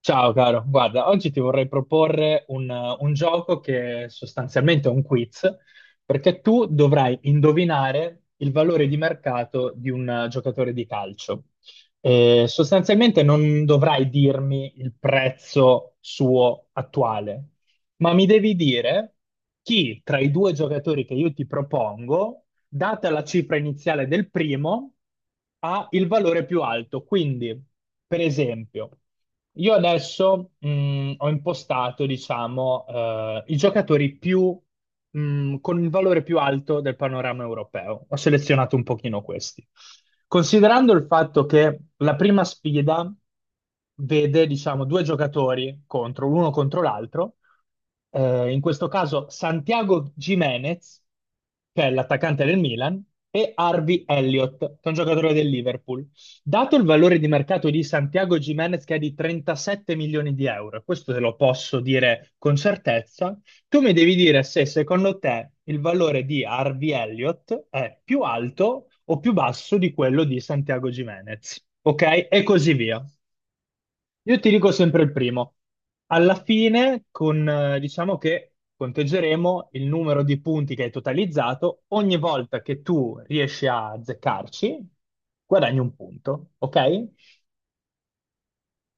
Ciao caro, guarda, oggi ti vorrei proporre un gioco che è sostanzialmente un quiz, perché tu dovrai indovinare il valore di mercato di un giocatore di calcio. Sostanzialmente non dovrai dirmi il prezzo suo attuale, ma mi devi dire chi tra i due giocatori che io ti propongo data la cifra iniziale del primo, ha il valore più alto. Quindi, per esempio, io adesso ho impostato, diciamo, i giocatori più, con il valore più alto del panorama europeo. Ho selezionato un pochino questi. Considerando il fatto che la prima sfida vede, diciamo, due giocatori contro, l'uno contro l'altro, in questo caso Santiago Jimenez, che è l'attaccante del Milan, e Harvey Elliott, che è un giocatore del Liverpool. Dato il valore di mercato di Santiago Jimenez, che è di 37 milioni di euro, questo te lo posso dire con certezza, tu mi devi dire se secondo te il valore di Harvey Elliott è più alto o più basso di quello di Santiago Jimenez. Ok? E così via. Io ti dico sempre il primo. Alla fine, diciamo che conteggeremo il numero di punti che hai totalizzato. Ogni volta che tu riesci a azzeccarci, guadagni un punto, ok?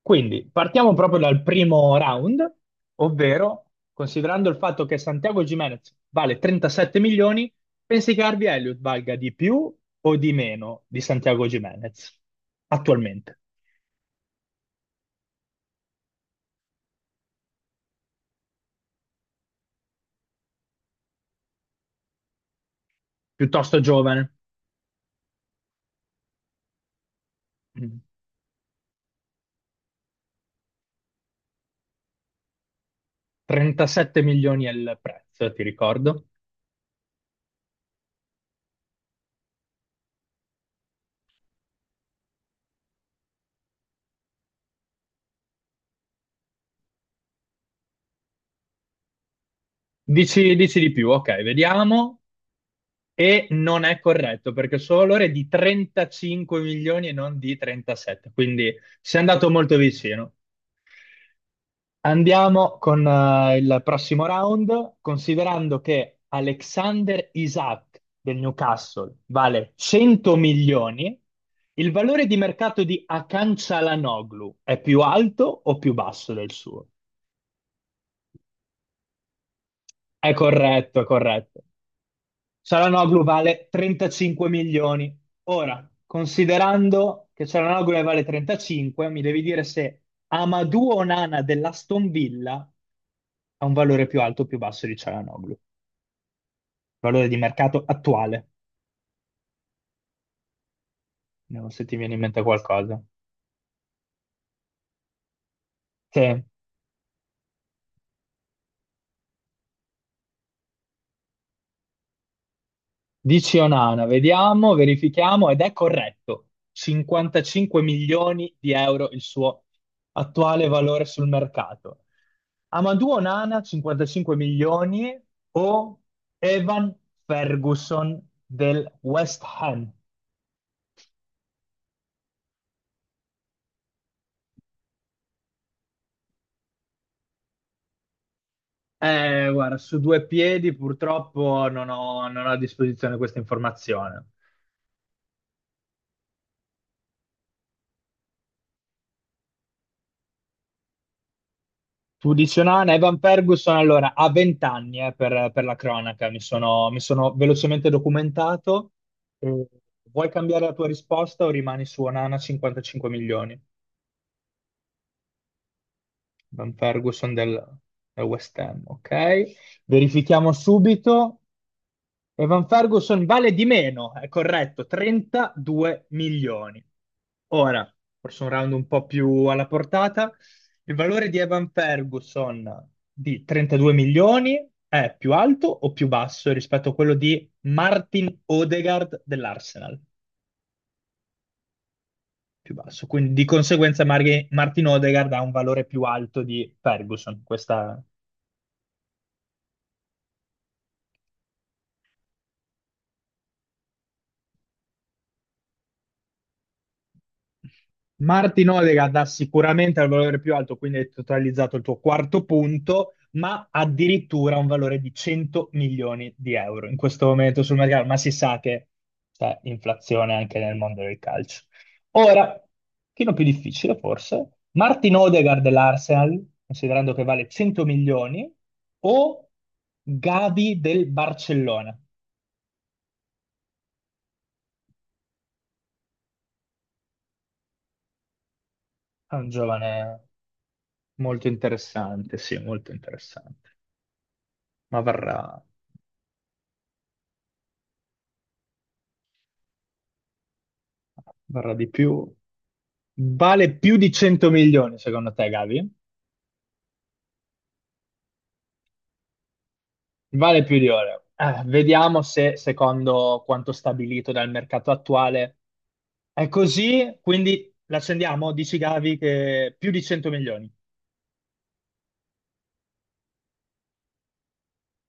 Quindi partiamo proprio dal primo round, ovvero considerando il fatto che Santiago Gimenez vale 37 milioni, pensi che Harvey Elliott valga di più o di meno di Santiago Gimenez attualmente? Piuttosto giovane. Mm. 37 milioni è il prezzo, ti ricordo. Dici di più, ok, vediamo. E non è corretto perché il suo valore è di 35 milioni e non di 37, quindi si è andato molto vicino. Andiamo con il prossimo round, considerando che Alexander Isaac del Newcastle vale 100 milioni, il valore di mercato di Akan Çalhanoğlu è più alto o più basso del suo? È corretto, è corretto. Cialanoglu vale 35 milioni. Ora, considerando che Cialanoglu ne vale 35, mi devi dire se Amadou Onana dell'Aston Villa ha un valore più alto o più basso di Cialanoglu. Valore di mercato attuale, non so se ti viene in mente qualcosa. Sì. Dici Onana, vediamo, verifichiamo ed è corretto. 55 milioni di euro il suo attuale valore sul mercato. Amadou Onana 55 milioni o Evan Ferguson del West Ham? Guarda, su due piedi purtroppo non ho a disposizione questa informazione. Tu dici, no, no, Evan Ferguson, allora, ha 20 anni per la cronaca, mi sono velocemente documentato. Eh, vuoi cambiare la tua risposta o rimani su Onana 55 milioni? Evan Ferguson del West Ham, ok? Verifichiamo subito. Evan Ferguson vale di meno, è corretto, 32 milioni. Ora, forse un round un po' più alla portata, il valore di Evan Ferguson di 32 milioni è più alto o più basso rispetto a quello di Martin Odegaard dell'Arsenal? Più basso, quindi di conseguenza Martin Odegaard ha un valore più alto di Ferguson. Questa Martin Odegaard dà sicuramente al valore più alto, quindi hai totalizzato il tuo quarto punto, ma addirittura un valore di 100 milioni di euro in questo momento sul mercato, ma si sa che c'è inflazione anche nel mondo del calcio. Ora, un pochino più difficile forse, Martin Odegaard dell'Arsenal, considerando che vale 100 milioni, o Gavi del Barcellona? È un giovane molto interessante, sì, molto interessante, ma varrà di più. Vale più di 100 milioni, secondo te, Gavi? Vale più di oro. Vediamo se, secondo quanto stabilito dal mercato attuale, è così. Quindi l'accendiamo, dici Gavi, che più di 100 milioni.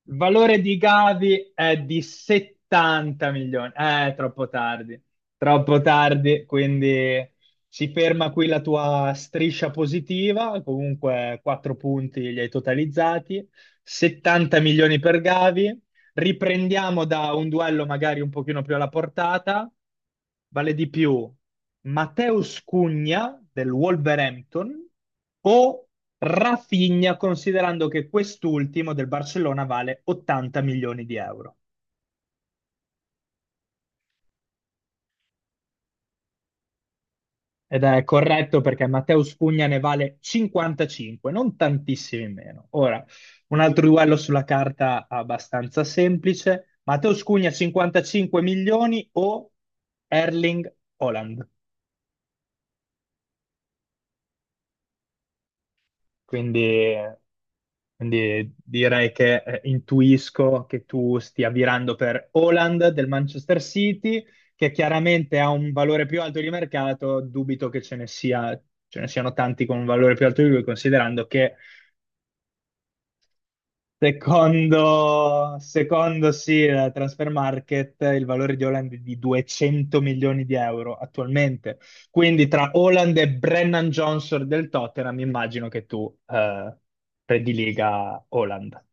Il valore di Gavi è di 70 milioni. Troppo tardi, troppo tardi, quindi si ferma qui la tua striscia positiva, comunque 4 punti li hai totalizzati, 70 milioni per Gavi. Riprendiamo da un duello magari un pochino più alla portata, vale di più Matheus Cugna del Wolverhampton o Rafinha, considerando che quest'ultimo del Barcellona vale 80 milioni di euro. Ed è corretto perché Mateus Cugna ne vale 55, non tantissimi meno. Ora, un altro duello sulla carta abbastanza semplice. Mateus Cugna 55 milioni o Erling Haaland. Quindi eh, Quindi direi che intuisco che tu stia virando per Haaland del Manchester City, che chiaramente ha un valore più alto di mercato. Dubito che ce ne siano tanti con un valore più alto di lui, considerando che secondo sì, la Transfer Market, il valore di Haaland è di 200 milioni di euro attualmente. Quindi tra Haaland e Brennan Johnson del Tottenham, immagino che tu prediliga Haaland.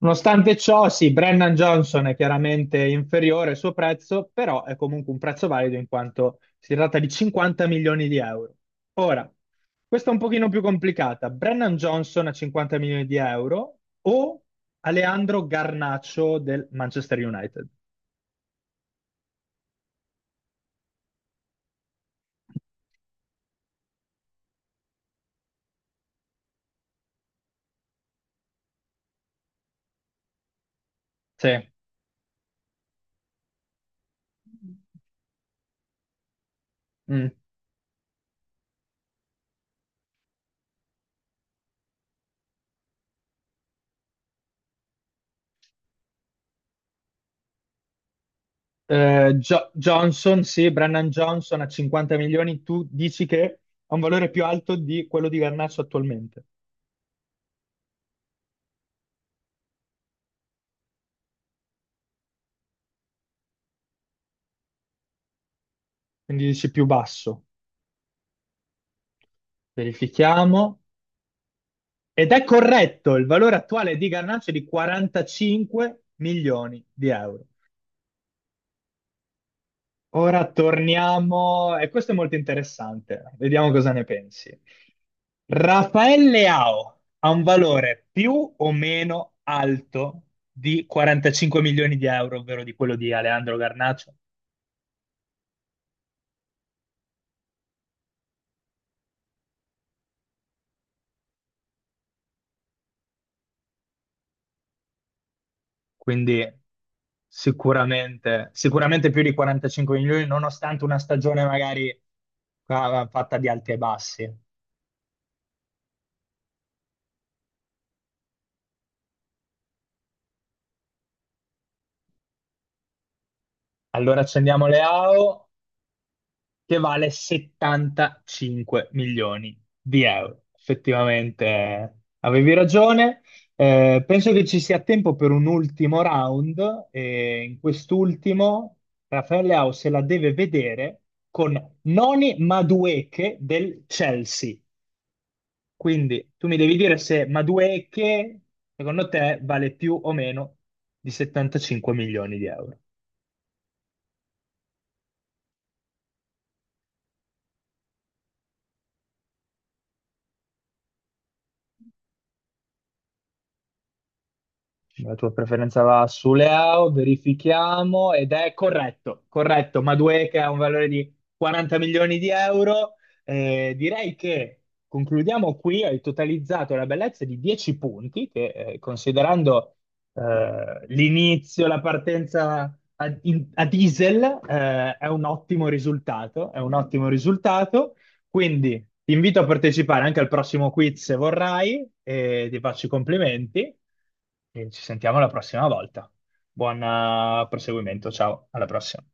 Nonostante ciò, sì, Brennan Johnson è chiaramente inferiore al suo prezzo, però è comunque un prezzo valido in quanto si tratta di 50 milioni di euro. Ora, questa è un pochino più complicata. Brennan Johnson a 50 milioni di euro o Alejandro Garnacho del Manchester United? Sì. Mm. Johnson, sì, Brennan Johnson a 50 milioni, tu dici che ha un valore più alto di quello di Garnacho attualmente, quindi dici più basso. Verifichiamo. Ed è corretto, il valore attuale di Garnacho è di 45 milioni di euro. Ora torniamo, e questo è molto interessante, vediamo cosa ne pensi. Rafael Leao ha un valore più o meno alto di 45 milioni di euro, ovvero di quello di Alejandro Garnacho, quindi sicuramente, sicuramente più di 45 milioni, nonostante una stagione magari fatta di alti e bassi. Allora accendiamo le AO che vale 75 milioni di euro. Effettivamente avevi ragione. Penso che ci sia tempo per un ultimo round e in quest'ultimo Raffaele Leao se la deve vedere con Noni Madueke del Chelsea. Quindi tu mi devi dire se Madueke secondo te vale più o meno di 75 milioni di euro. La tua preferenza va su Leao, verifichiamo ed è corretto, corretto. Madueke che ha un valore di 40 milioni di euro. Direi che concludiamo qui. Hai totalizzato la bellezza di 10 punti, che considerando l'inizio, la partenza a diesel, è un ottimo risultato. È un ottimo risultato. Quindi ti invito a partecipare anche al prossimo quiz se vorrai e ti faccio i complimenti e ci sentiamo la prossima volta. Buon proseguimento, ciao, alla prossima.